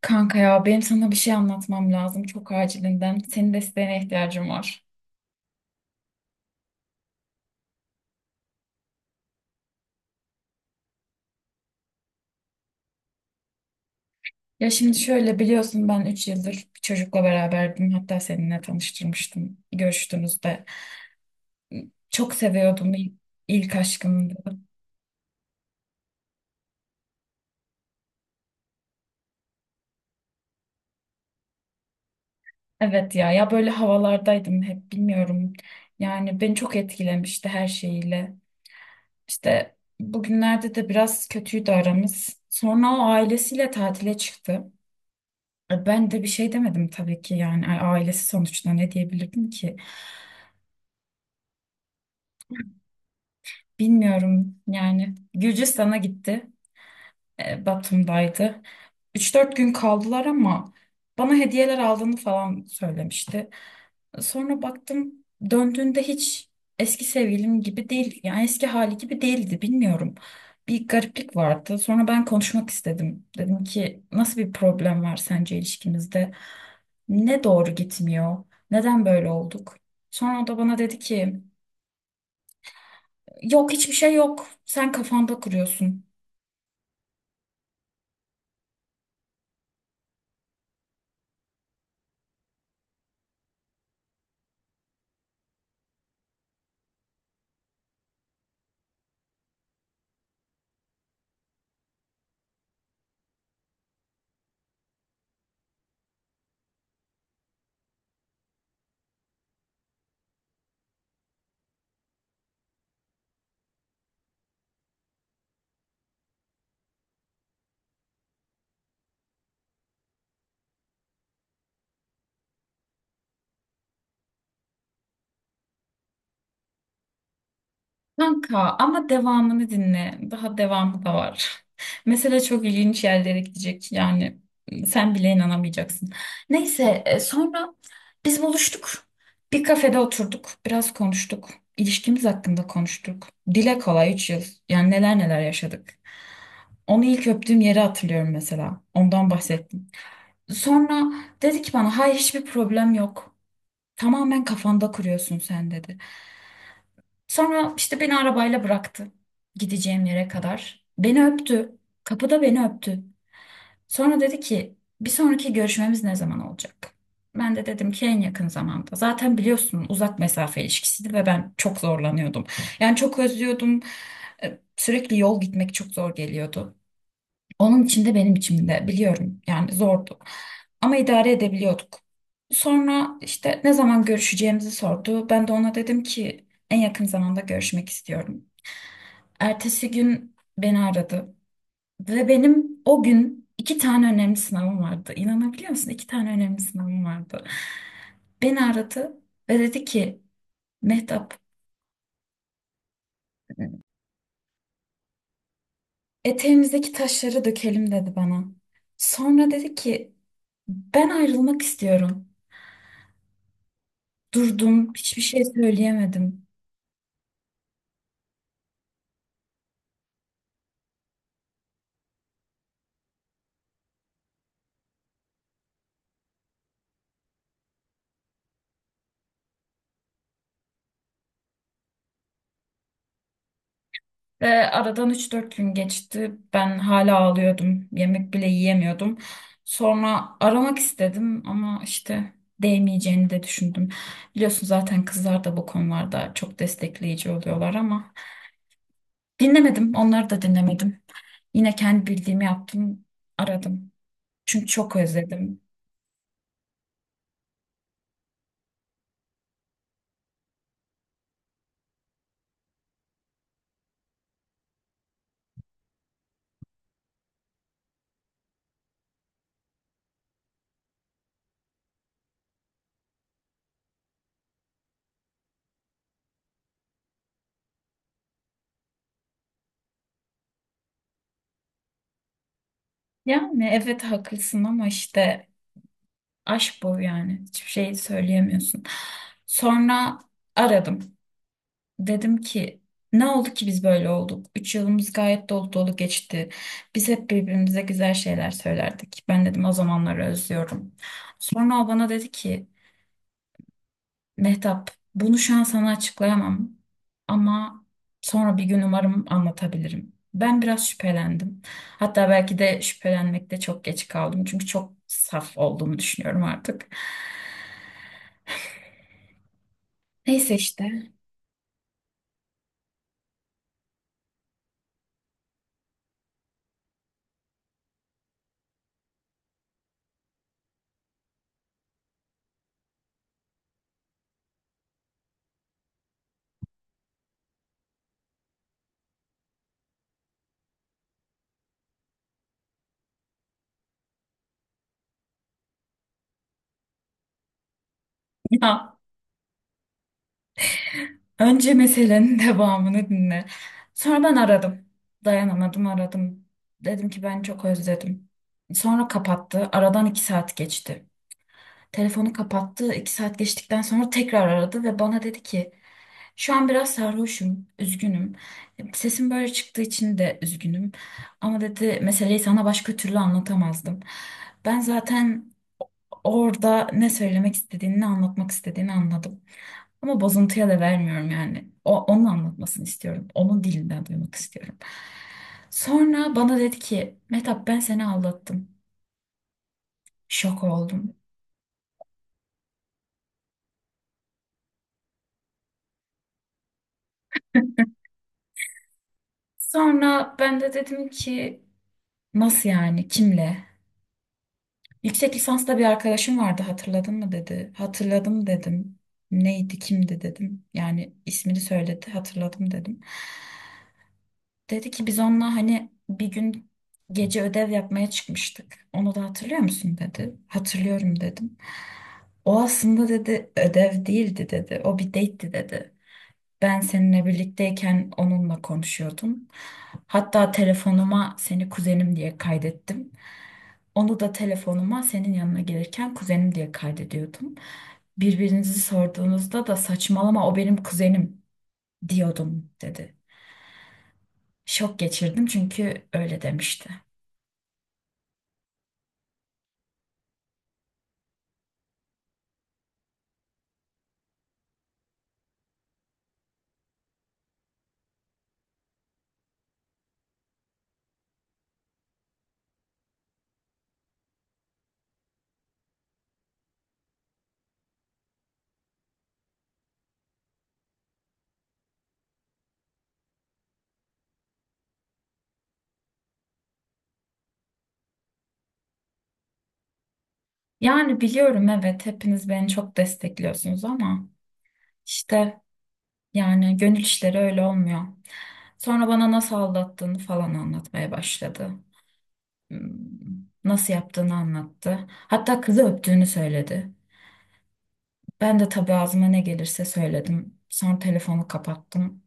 Kanka ya benim sana bir şey anlatmam lazım çok acilinden. Senin desteğine ihtiyacım var. Ya şimdi şöyle biliyorsun ben 3 yıldır bir çocukla beraberdim. Hatta seninle tanıştırmıştım görüştüğünüzde. Çok seviyordum ilk aşkımdı. Evet ya böyle havalardaydım hep bilmiyorum. Yani beni çok etkilemişti her şeyiyle. İşte bugünlerde de biraz kötüydü aramız. Sonra o ailesiyle tatile çıktı. Ben de bir şey demedim tabii ki yani ailesi sonuçta ne diyebilirdim ki? Bilmiyorum yani Gürcistan'a gitti. Batum'daydı. Üç dört gün kaldılar ama bana hediyeler aldığını falan söylemişti. Sonra baktım döndüğünde hiç eski sevgilim gibi değil. Yani eski hali gibi değildi bilmiyorum. Bir gariplik vardı. Sonra ben konuşmak istedim. Dedim ki nasıl bir problem var sence ilişkinizde? Ne doğru gitmiyor? Neden böyle olduk? Sonra o da bana dedi ki yok hiçbir şey yok. Sen kafanda kuruyorsun. Kanka ama devamını dinle. Daha devamı da var. Mesela çok ilginç yerlere gidecek. Yani sen bile inanamayacaksın. Neyse sonra biz buluştuk. Bir kafede oturduk. Biraz konuştuk. İlişkimiz hakkında konuştuk. Dile kolay 3 yıl. Yani neler neler yaşadık. Onu ilk öptüğüm yeri hatırlıyorum mesela. Ondan bahsettim. Sonra dedi ki bana hayır hiçbir problem yok. Tamamen kafanda kuruyorsun sen dedi. Sonra işte beni arabayla bıraktı gideceğim yere kadar. Beni öptü. Kapıda beni öptü. Sonra dedi ki bir sonraki görüşmemiz ne zaman olacak? Ben de dedim ki en yakın zamanda. Zaten biliyorsun uzak mesafe ilişkisiydi ve ben çok zorlanıyordum. Yani çok özlüyordum. Sürekli yol gitmek çok zor geliyordu. Onun için de benim için de biliyorum yani zordu. Ama idare edebiliyorduk. Sonra işte ne zaman görüşeceğimizi sordu. Ben de ona dedim ki en yakın zamanda görüşmek istiyorum. Ertesi gün beni aradı ve benim o gün iki tane önemli sınavım vardı. İnanabiliyor musun? İki tane önemli sınavım vardı. Beni aradı ve dedi ki Mehtap eteğimizdeki taşları dökelim dedi bana. Sonra dedi ki ben ayrılmak istiyorum. Durdum, hiçbir şey söyleyemedim. Ve aradan üç dört gün geçti. Ben hala ağlıyordum. Yemek bile yiyemiyordum. Sonra aramak istedim ama işte değmeyeceğini de düşündüm. Biliyorsun zaten kızlar da bu konularda çok destekleyici oluyorlar ama dinlemedim. Onları da dinlemedim. Yine kendi bildiğimi yaptım, aradım. Çünkü çok özledim. Yani evet haklısın ama işte aşk bu yani. Hiçbir şey söyleyemiyorsun. Sonra aradım. Dedim ki ne oldu ki biz böyle olduk? Üç yılımız gayet dolu dolu geçti. Biz hep birbirimize güzel şeyler söylerdik. Ben dedim o zamanları özlüyorum. Sonra o bana dedi ki Mehtap bunu şu an sana açıklayamam ama sonra bir gün umarım anlatabilirim. Ben biraz şüphelendim. Hatta belki de şüphelenmekte çok geç kaldım. Çünkü çok saf olduğumu düşünüyorum artık. Neyse işte. Önce meselenin devamını dinle. Sonra ben aradım. Dayanamadım aradım. Dedim ki ben çok özledim. Sonra kapattı. Aradan iki saat geçti. Telefonu kapattı. İki saat geçtikten sonra tekrar aradı ve bana dedi ki şu an biraz sarhoşum, üzgünüm. Sesim böyle çıktığı için de üzgünüm. Ama dedi meseleyi sana başka türlü anlatamazdım. Ben zaten orada ne söylemek istediğini, ne anlatmak istediğini anladım. Ama bozuntuya da vermiyorum yani. Onun anlatmasını istiyorum. Onun dilinden duymak istiyorum. Sonra bana dedi ki, Mehtap ben seni aldattım. Şok oldum. Sonra ben de dedim ki, nasıl yani, kimle? Yüksek lisansta bir arkadaşım vardı hatırladın mı dedi. Hatırladım dedim. Neydi, kimdi dedim. Yani ismini söyledi, hatırladım dedim. Dedi ki biz onunla hani bir gün gece ödev yapmaya çıkmıştık. Onu da hatırlıyor musun dedi. Hatırlıyorum dedim. O aslında dedi ödev değildi dedi. O bir date'ti dedi. Ben seninle birlikteyken onunla konuşuyordum. Hatta telefonuma seni kuzenim diye kaydettim. Onu da telefonuma senin yanına gelirken kuzenim diye kaydediyordum. Birbirinizi sorduğunuzda da saçmalama o benim kuzenim diyordum dedi. Şok geçirdim çünkü öyle demişti. Yani biliyorum evet hepiniz beni çok destekliyorsunuz ama işte yani gönül işleri öyle olmuyor. Sonra bana nasıl aldattığını falan anlatmaya başladı. Hmm, Nasıl yaptığını anlattı. Hatta kızı öptüğünü söyledi. Ben de tabii ağzıma ne gelirse söyledim. Sonra telefonu kapattım.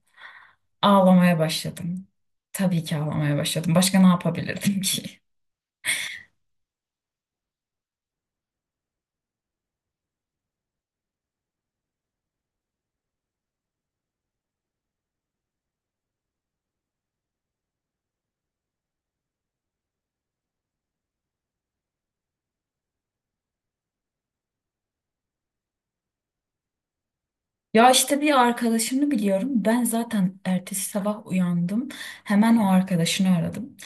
Ağlamaya başladım. Tabii ki ağlamaya başladım. Başka ne yapabilirdim ki? Ya işte bir arkadaşımı biliyorum. Ben zaten ertesi sabah uyandım. Hemen o arkadaşını aradım.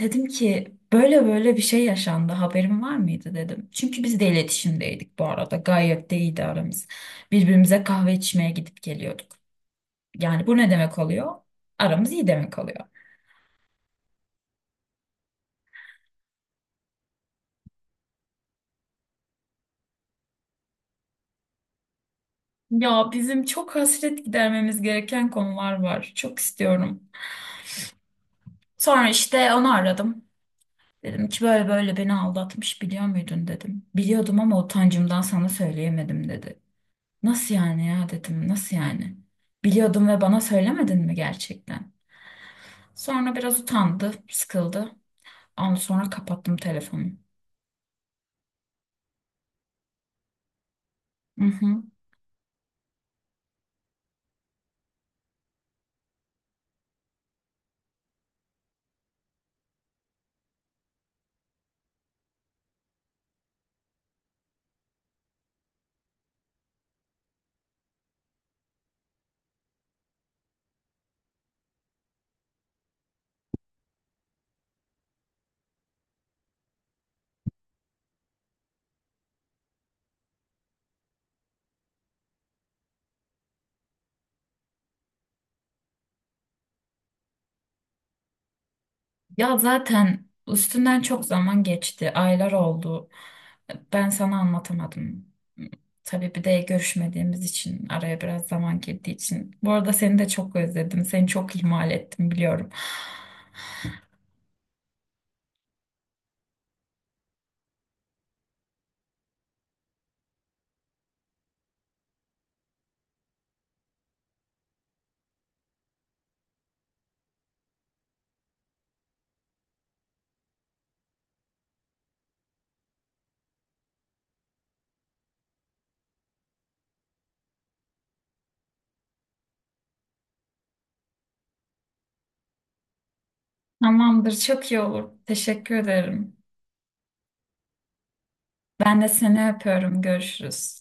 Dedim ki böyle böyle bir şey yaşandı. Haberin var mıydı dedim. Çünkü biz de iletişimdeydik bu arada. Gayet de iyiydi aramız. Birbirimize kahve içmeye gidip geliyorduk. Yani bu ne demek oluyor? Aramız iyi demek oluyor. Ya bizim çok hasret gidermemiz gereken konular var. Çok istiyorum. Sonra işte onu aradım. Dedim ki böyle böyle beni aldatmış biliyor muydun dedim. Biliyordum ama utancımdan sana söyleyemedim dedi. Nasıl yani ya dedim nasıl yani? Biliyordum ve bana söylemedin mi gerçekten? Sonra biraz utandı, sıkıldı. Ondan sonra kapattım telefonu. Hı hı. Ya zaten üstünden çok zaman geçti, aylar oldu. Ben sana anlatamadım. Tabii bir de görüşmediğimiz için araya biraz zaman girdiği için. Bu arada seni de çok özledim. Seni çok ihmal ettim biliyorum. Tamamdır, çok iyi olur. Teşekkür ederim. Ben de seni öpüyorum. Görüşürüz.